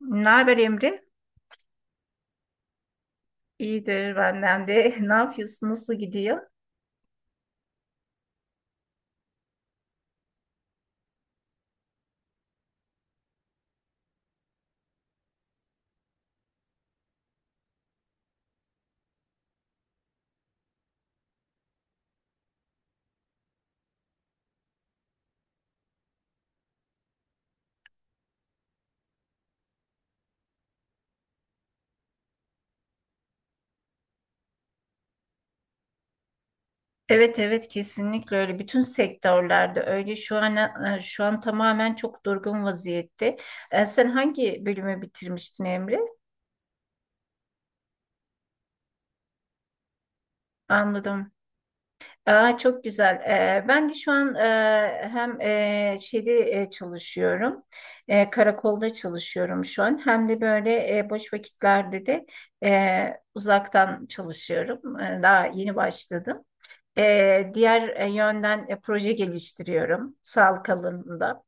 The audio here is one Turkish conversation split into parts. Ne haber Emre? İyidir benden de. Ne yapıyorsun? Nasıl gidiyor? Evet evet kesinlikle öyle. Bütün sektörlerde öyle. Şu an şu an tamamen çok durgun vaziyette. Sen hangi bölümü bitirmiştin Emre? Anladım. Aa, çok güzel. Ben de şu an hem şeyde çalışıyorum. Karakolda çalışıyorum şu an. Hem de böyle boş vakitlerde de uzaktan çalışıyorum. Daha yeni başladım. Diğer yönden proje geliştiriyorum sağlık alanında.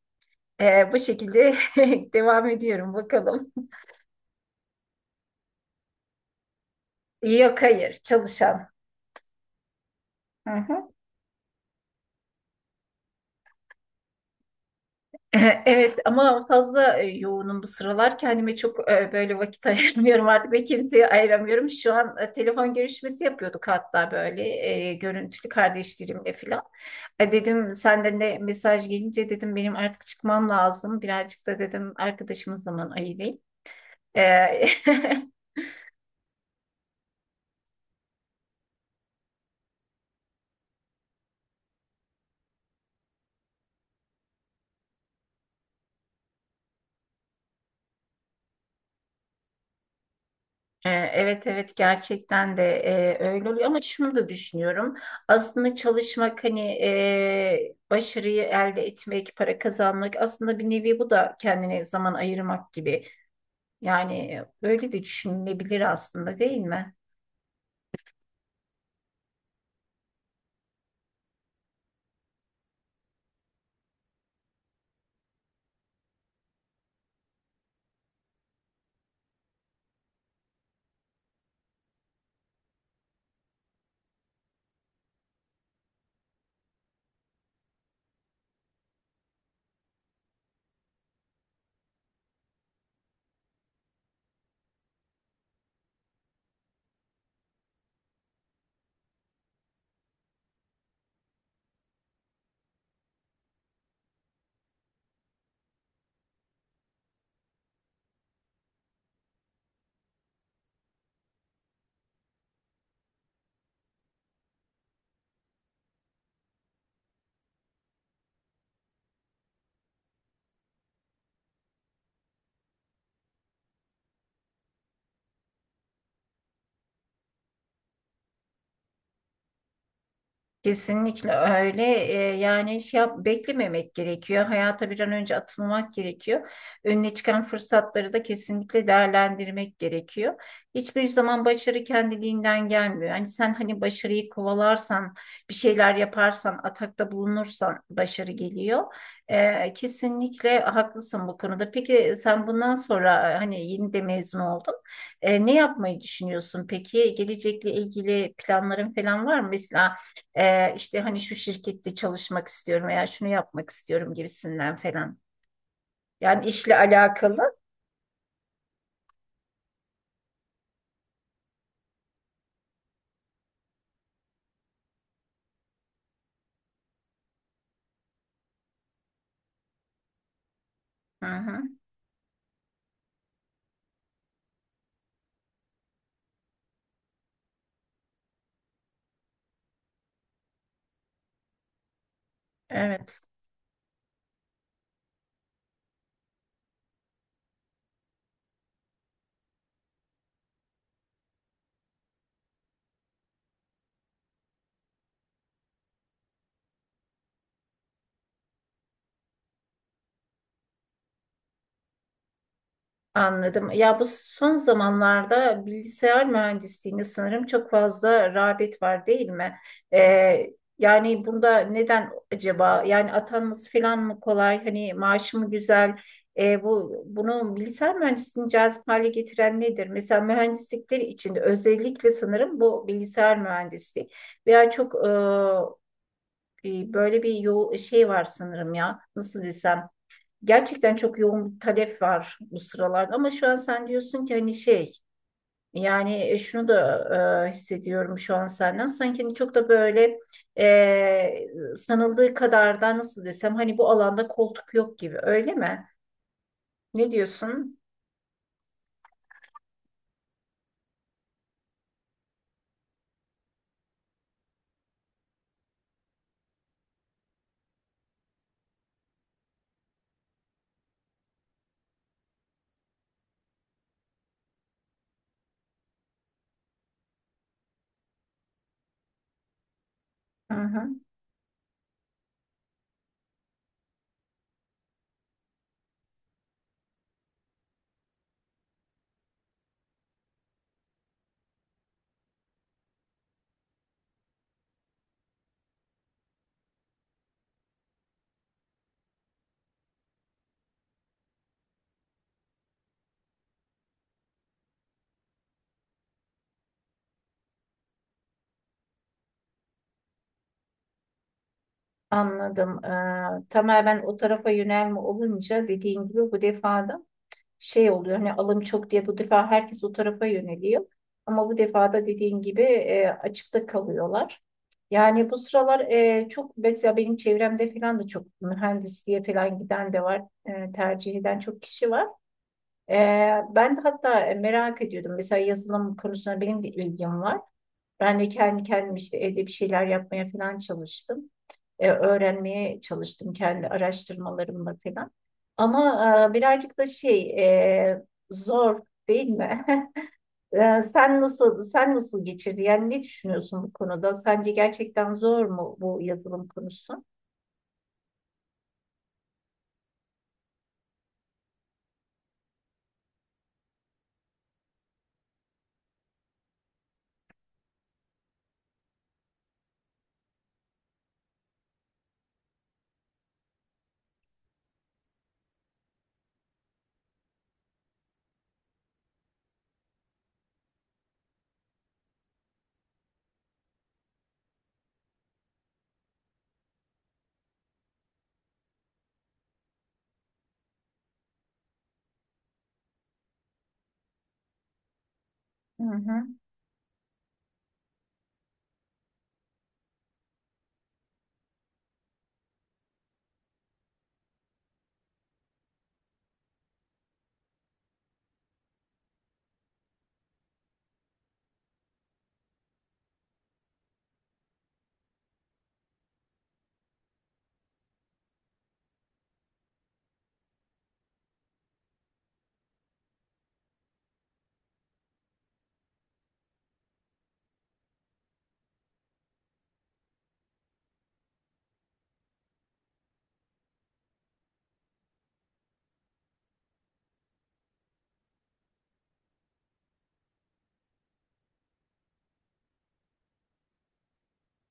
Bu şekilde devam ediyorum bakalım. Yok hayır çalışan. Hı hı. Evet ama fazla yoğunum bu sıralar. Kendime çok böyle vakit ayırmıyorum artık ve kimseye ayıramıyorum. Şu an telefon görüşmesi yapıyorduk hatta böyle görüntülü kardeşlerimle falan. Dedim senden de mesaj gelince dedim benim artık çıkmam lazım. Birazcık da dedim arkadaşımız zaman ayırayım. E, Evet evet gerçekten de öyle oluyor ama şunu da düşünüyorum. Aslında çalışmak hani başarıyı elde etmek, para kazanmak aslında bir nevi bu da kendine zaman ayırmak gibi. Yani öyle de düşünülebilir aslında değil mi? Kesinlikle öyle. Yani şey yap, beklememek gerekiyor. Hayata bir an önce atılmak gerekiyor. Önüne çıkan fırsatları da kesinlikle değerlendirmek gerekiyor. Hiçbir zaman başarı kendiliğinden gelmiyor. Hani sen hani başarıyı kovalarsan, bir şeyler yaparsan, atakta bulunursan başarı geliyor. Kesinlikle haklısın bu konuda. Peki sen bundan sonra hani yeni de mezun oldun. Ne yapmayı düşünüyorsun peki? Gelecekle ilgili planların falan var mı? Mesela işte hani şu şirkette çalışmak istiyorum veya şunu yapmak istiyorum gibisinden falan. Yani işle alakalı. Hı hı. Evet. Anladım. Ya bu son zamanlarda bilgisayar mühendisliğinde sanırım çok fazla rağbet var değil mi? Ee, Yani bunda neden acaba? Yani atanması falan mı kolay? Hani maaşı mı güzel? Bu bunu bilgisayar mühendisliğini cazip hale getiren nedir? Mesela mühendislikler içinde özellikle sanırım bu bilgisayar mühendisliği veya çok böyle bir yol şey var sanırım ya. Nasıl desem? Gerçekten çok yoğun bir talep var bu sıralarda ama şu an sen diyorsun ki hani şey yani şunu da hissediyorum şu an senden sanki hani çok da böyle sanıldığı kadar da nasıl desem hani bu alanda koltuk yok gibi öyle mi? Ne diyorsun? Hı hı, anladım. Tamamen o tarafa yönelme olunca dediğin gibi bu defada şey oluyor hani alım çok diye bu defa herkes o tarafa yöneliyor. Ama bu defa da dediğin gibi açıkta kalıyorlar. Yani bu sıralar çok mesela benim çevremde falan da çok mühendisliğe falan giden de var. Tercih eden çok kişi var. E, Ben de hatta merak ediyordum. Mesela yazılım konusuna benim de ilgim var. Ben de kendi kendim işte evde bir şeyler yapmaya falan çalıştım. Öğrenmeye çalıştım kendi araştırmalarımla falan. Ama birazcık da şey e, zor değil mi? Sen nasıl sen nasıl geçirdin? Yani ne düşünüyorsun bu konuda? Sence gerçekten zor mu bu yazılım konusu? Hı hı,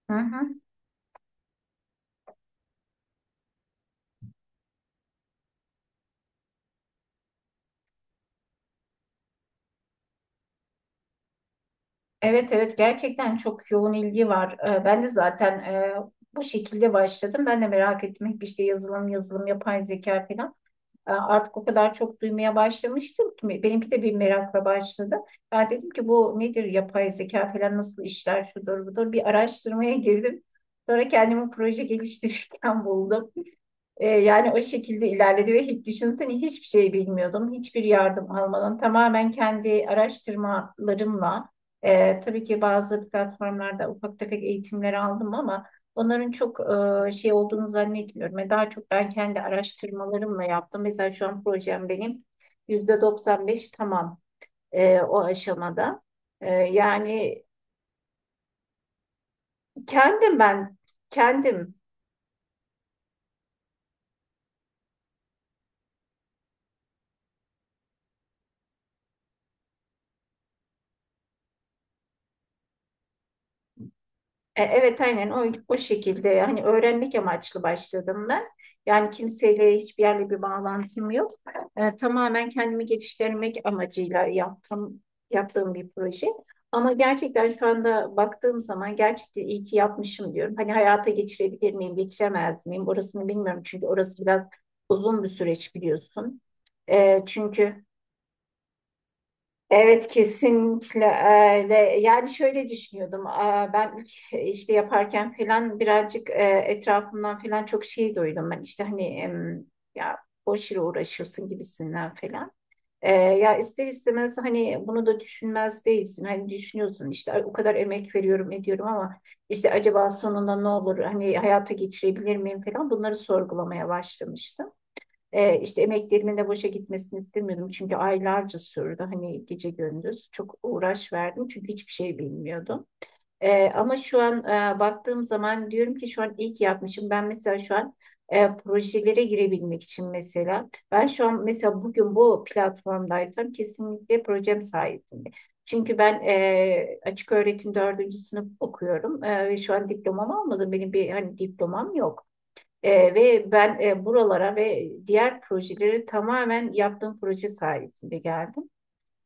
hı hı. Evet evet gerçekten çok yoğun ilgi var. Ben de zaten bu şekilde başladım. Ben de merak ettim hep işte yazılım yazılım yapay zeka falan. Artık o kadar çok duymaya başlamıştım ki benimki de bir merakla başladı. Ben dedim ki bu nedir yapay zeka falan nasıl işler şudur budur bir araştırmaya girdim. Sonra kendimi proje geliştirirken buldum. Yani o şekilde ilerledi ve hiç düşünsene hiçbir şey bilmiyordum. Hiçbir yardım almadan tamamen kendi araştırmalarımla tabii ki bazı platformlarda ufak tefek eğitimler aldım ama onların çok şey olduğunu zannetmiyorum. Ve daha çok ben kendi araştırmalarımla yaptım. Mesela şu an projem benim %95 tamam o aşamada. Yani kendim ben kendim. Evet aynen o şekilde hani öğrenmek amaçlı başladım ben. Yani kimseyle hiçbir yerle bir bağlantım yok. Tamamen kendimi geliştirmek amacıyla yaptım, yaptığım bir proje. Ama gerçekten şu anda baktığım zaman gerçekten iyi ki yapmışım diyorum. Hani hayata geçirebilir miyim, geçiremez miyim orasını bilmiyorum. Çünkü orası biraz uzun bir süreç biliyorsun. E, çünkü Evet kesinlikle öyle. Yani şöyle düşünüyordum. Aa, ben ilk işte yaparken falan birazcık etrafımdan falan çok şey duydum. Ben işte hani ya boş yere uğraşıyorsun gibisinden falan. Ya ister istemez hani bunu da düşünmez değilsin. Hani düşünüyorsun işte "Ay, o kadar emek veriyorum ediyorum ama işte acaba sonunda ne olur? Hani hayata geçirebilir miyim falan bunları sorgulamaya başlamıştım. İşte emeklerimin de boşa gitmesini istemiyordum çünkü aylarca sürdü hani gece gündüz çok uğraş verdim çünkü hiçbir şey bilmiyordum. Ama şu an baktığım zaman diyorum ki şu an iyi ki yapmışım. Ben mesela şu an projelere girebilmek için mesela ben şu an mesela bugün bu platformdaysam kesinlikle projem sayesinde. Çünkü ben açık öğretim dördüncü sınıf okuyorum. Ve şu an diplomamı almadım. Benim bir hani diplomam yok. Ve ben buralara ve diğer projeleri tamamen yaptığım proje sayesinde geldim.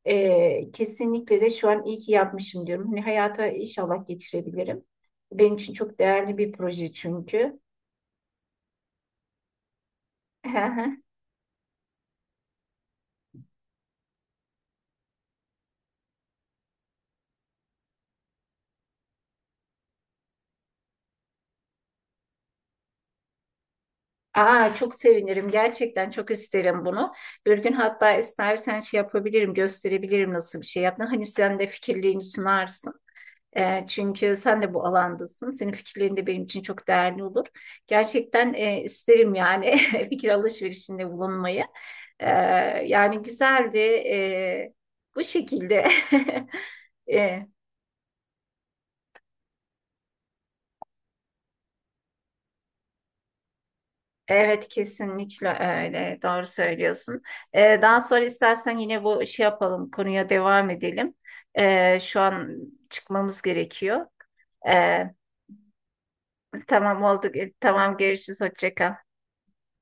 Kesinlikle de şu an iyi ki yapmışım diyorum. Hani hayata inşallah geçirebilirim. Benim için çok değerli bir proje çünkü. Aa, çok sevinirim. Gerçekten çok isterim bunu. Bir gün hatta istersen şey yapabilirim, gösterebilirim nasıl bir şey yaptın. Hani sen de fikirliğini sunarsın. Çünkü sen de bu alandasın. Senin fikirlerin de benim için çok değerli olur. Gerçekten isterim yani fikir alışverişinde bulunmayı. E, Yani güzeldi. Bu şekilde. E, evet kesinlikle öyle. Doğru söylüyorsun. Daha sonra istersen yine bu şey yapalım. Konuya devam edelim. Şu an çıkmamız gerekiyor. E, tamam oldu. Tamam görüşürüz. Hoşça kal.